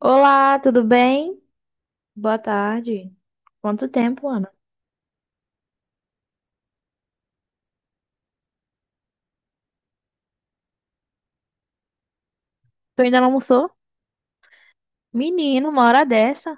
Olá, tudo bem? Boa tarde. Quanto tempo, Ana? Tu ainda não almoçou? Menino, uma hora dessa?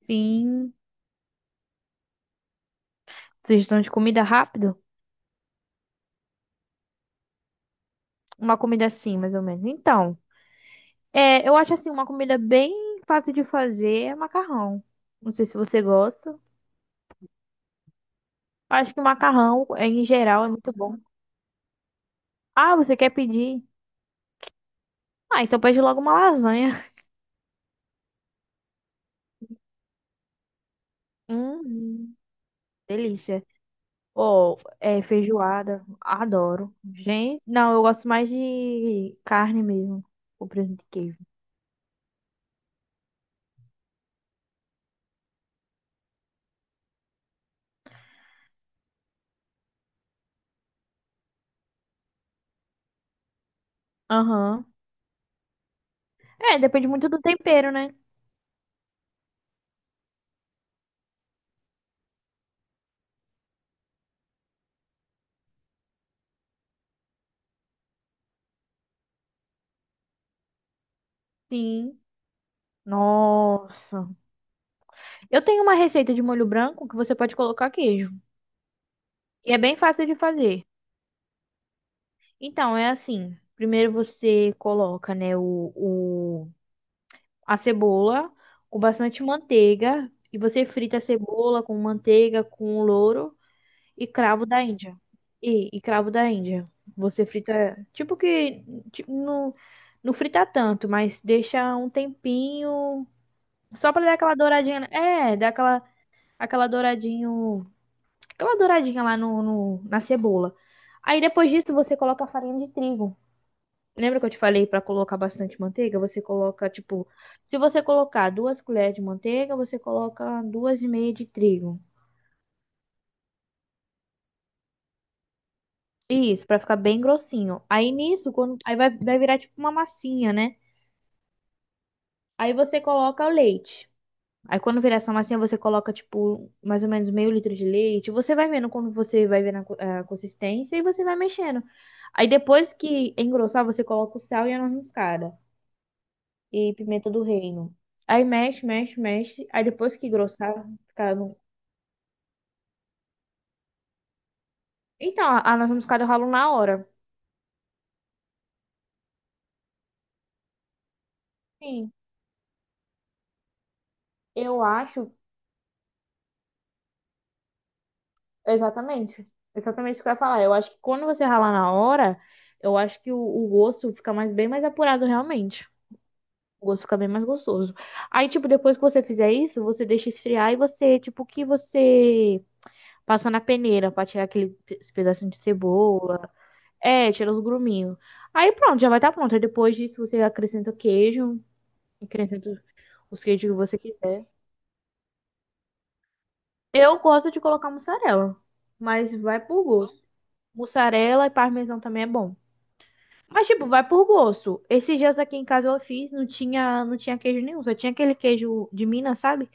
Sim. Sugestão de comida rápido? Uma comida assim, mais ou menos. Então, eu acho assim, uma comida bem fácil de fazer é macarrão. Não sei se você gosta. Acho que macarrão, em geral, é muito bom. Ah, você quer pedir? Ah, então pede logo uma lasanha. Hum, delícia. Ou é, feijoada, adoro. Gente, não, eu gosto mais de carne mesmo, com presunto de queijo. Aham. É, depende muito do tempero, né? Sim. Nossa. Eu tenho uma receita de molho branco que você pode colocar queijo. E é bem fácil de fazer. Então, é assim. Primeiro você coloca, né, a cebola com bastante manteiga. E você frita a cebola com manteiga, com louro. E cravo da Índia. E cravo da Índia. Você frita, tipo que não, não frita tanto, mas deixa um tempinho só pra dar aquela douradinha. Né? É, dar aquela, aquela douradinho, aquela douradinha lá na cebola. Aí depois disso você coloca a farinha de trigo. Lembra que eu te falei pra colocar bastante manteiga? Você coloca, tipo, se você colocar duas colheres de manteiga, você coloca duas e meia de trigo. Isso, pra ficar bem grossinho. Aí nisso, quando... aí vai virar tipo uma massinha, né? Aí você coloca o leite. Aí quando virar essa massinha, você coloca tipo mais ou menos meio litro de leite. Você vai vendo quando você vai vendo a a consistência e você vai mexendo. Aí depois que engrossar, você coloca o sal e a noz moscada e pimenta do reino. Aí mexe, mexe, mexe. Aí depois que engrossar, fica no... Então, a noz moscada eu ralo na hora. Sim. Eu acho. Exatamente. Exatamente o que eu ia falar. Eu acho que quando você ralar na hora, eu acho que o gosto fica mais bem mais apurado realmente. O gosto fica bem mais gostoso. Aí, tipo, depois que você fizer isso, você deixa esfriar e você, tipo, o que você passa na peneira pra tirar esse pedacinho de cebola. É, tira os gruminhos. Aí pronto, já vai estar pronto. Aí depois disso você acrescenta queijo, acrescenta os queijos que você quiser. Eu gosto de colocar mussarela, mas vai por gosto. Mussarela e parmesão também é bom. Mas, tipo, vai por gosto. Esses dias aqui em casa eu fiz, não tinha queijo nenhum, só tinha aquele queijo de Minas, sabe?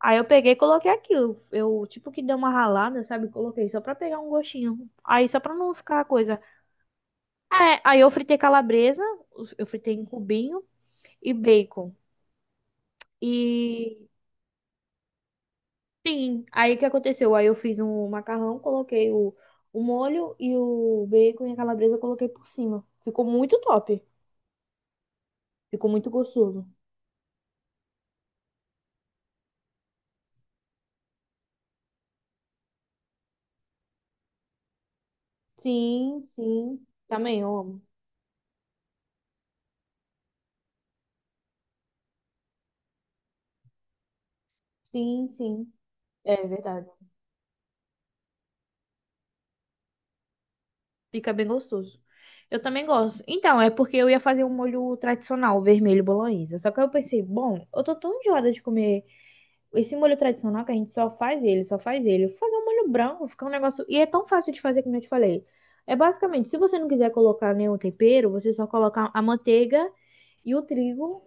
Aí eu peguei e coloquei aquilo. Eu, tipo, que dei uma ralada, sabe? Coloquei só pra pegar um gostinho. Aí só pra não ficar a coisa. É, aí eu fritei calabresa, eu fritei em cubinho e bacon. E, sim, aí o que aconteceu? Aí eu fiz um macarrão, coloquei o molho e o bacon e a calabresa eu coloquei por cima. Ficou muito top. Ficou muito gostoso. Sim, sim. Também eu amo. Sim, sim. É verdade. Fica bem gostoso. Eu também gosto. Então, é porque eu ia fazer um molho tradicional, vermelho bolonhesa. Só que aí eu pensei, bom, eu tô tão enjoada de comer esse molho tradicional que a gente só faz ele, só faz ele. Vou fazer um molho branco, fica um negócio. E é tão fácil de fazer como eu te falei. É basicamente, se você não quiser colocar nenhum tempero, você só coloca a manteiga e o trigo.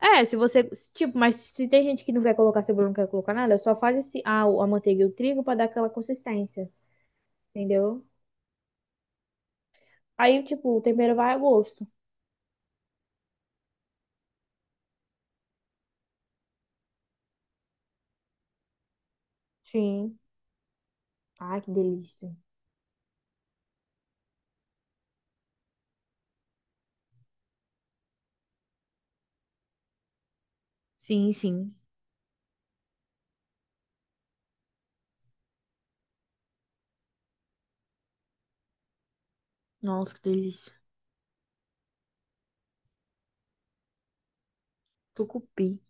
É, se você. Se- Tipo, mas se tem gente que não quer colocar cebola, não quer colocar nada, só faz esse, a manteiga e o trigo pra dar aquela consistência, entendeu? Aí, tipo, o tempero vai a gosto. Sim. Ai, que delícia. Sim, sim. Nossa, que delícia. Tucupi.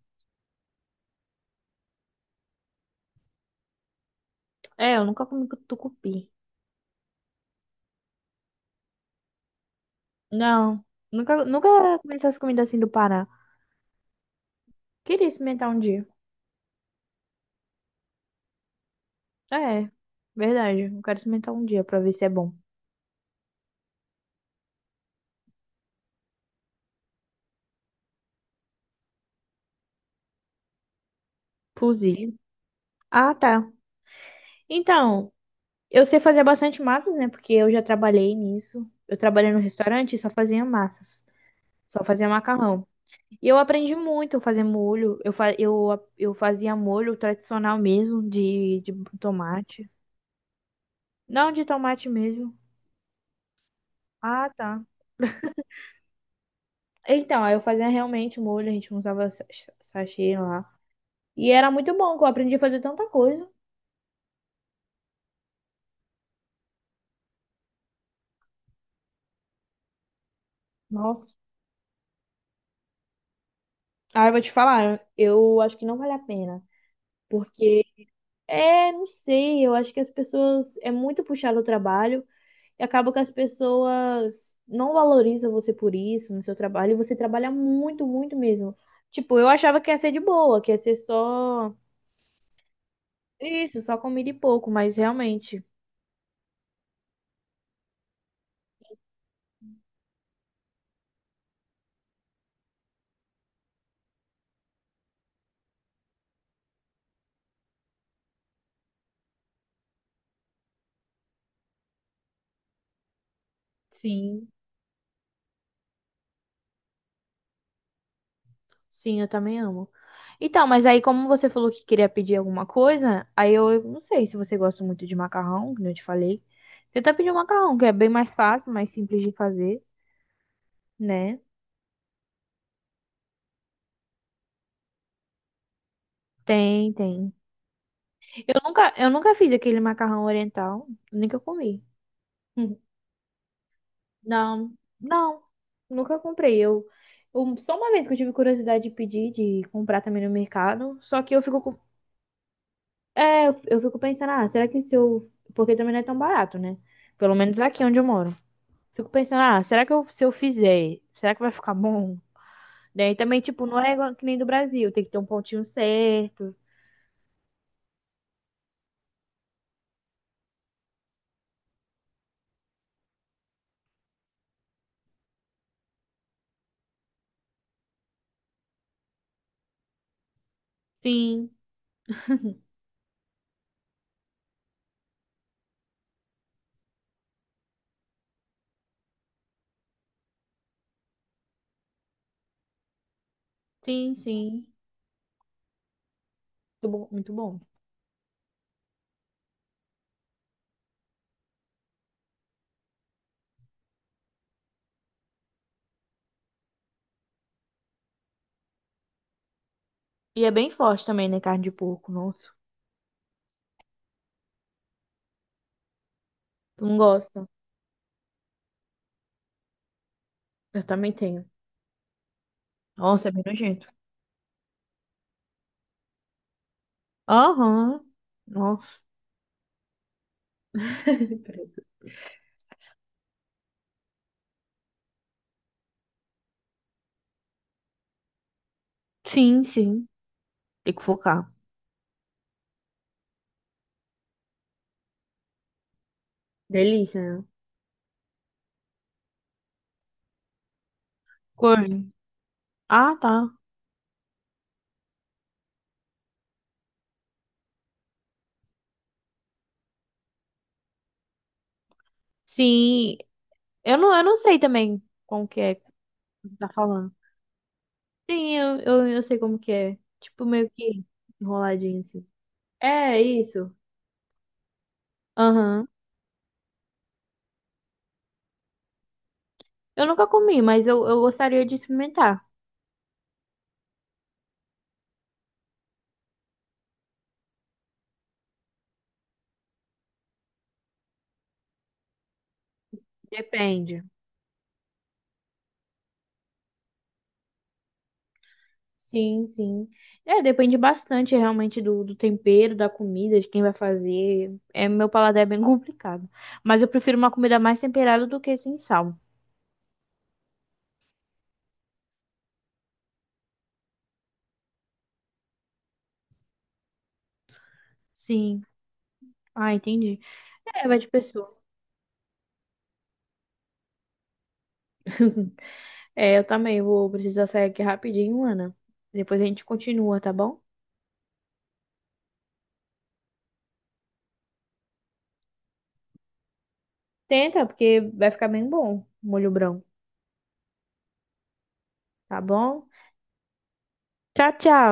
É, eu nunca comi tucupi. Não. Nunca comi essas comidas assim do Pará. Queria experimentar um dia. É, verdade. Eu quero experimentar um dia pra ver se é bom. Fuzil. Ah, tá. Então. Eu sei fazer bastante massas, né? Porque eu já trabalhei nisso. Eu trabalhei no restaurante e só fazia massas. Só fazia macarrão. E eu aprendi muito a fazer molho. Eu, fa eu, a- eu fazia molho tradicional mesmo, de tomate. Não, de tomate mesmo. Ah, tá. Então, aí eu fazia realmente molho, a gente usava sachê lá. E era muito bom, que eu aprendi a fazer tanta coisa. Nossa. Ah, eu vou te falar, eu acho que não vale a pena. Porque é, não sei, eu acho que as pessoas é muito puxado o trabalho e acaba que as pessoas não valorizam você por isso no seu trabalho e você trabalha muito, muito mesmo. Tipo, eu achava que ia ser de boa, que ia ser só isso, só comida e pouco, mas realmente, sim, sim, eu também amo. Então, mas aí como você falou que queria pedir alguma coisa, aí eu não sei se você gosta muito de macarrão, como eu te falei. Tenta pedir um macarrão, que é bem mais fácil, mais simples de fazer, né? Tem, tem. Eu nunca fiz aquele macarrão oriental, nunca comi. Hum. Não, não, nunca comprei. Eu- só uma vez que eu tive curiosidade de pedir, de comprar também no mercado, só que eu fico, com- é, eu fico pensando, ah, será que se eu, porque também não é tão barato, né? Pelo menos aqui onde eu moro. Fico pensando, ah, será que eu, se eu fizer, será que vai ficar bom? Daí também, tipo, não é igual que nem do Brasil, tem que ter um pontinho certo. Sim, sim, sim. Muito bom, muito bom. E é bem forte também, né? Carne de porco, nossa. Tu não gosta? Eu também tenho. Nossa, é bem nojento. Aham. Nossa. Sim, sim. Tem que focar. Delícia, né? Corne. Ah, tá. Sim. Eu não sei também como que é que você tá falando. Sim, eu sei como que é. Tipo, meio que enroladinho assim. É, isso. Aham. Eu nunca comi, mas eu gostaria de experimentar. Depende. Sim, sim. É, depende bastante realmente do tempero, da comida, de quem vai fazer. É, meu paladar é bem complicado. Mas eu prefiro uma comida mais temperada do que sem sal. Sim. Ah, entendi. É, vai de pessoa. É, eu também vou precisar sair aqui rapidinho, Ana. Depois a gente continua, tá bom? Tenta, porque vai ficar bem bom, molho branco, tá bom? Tchau, tchau.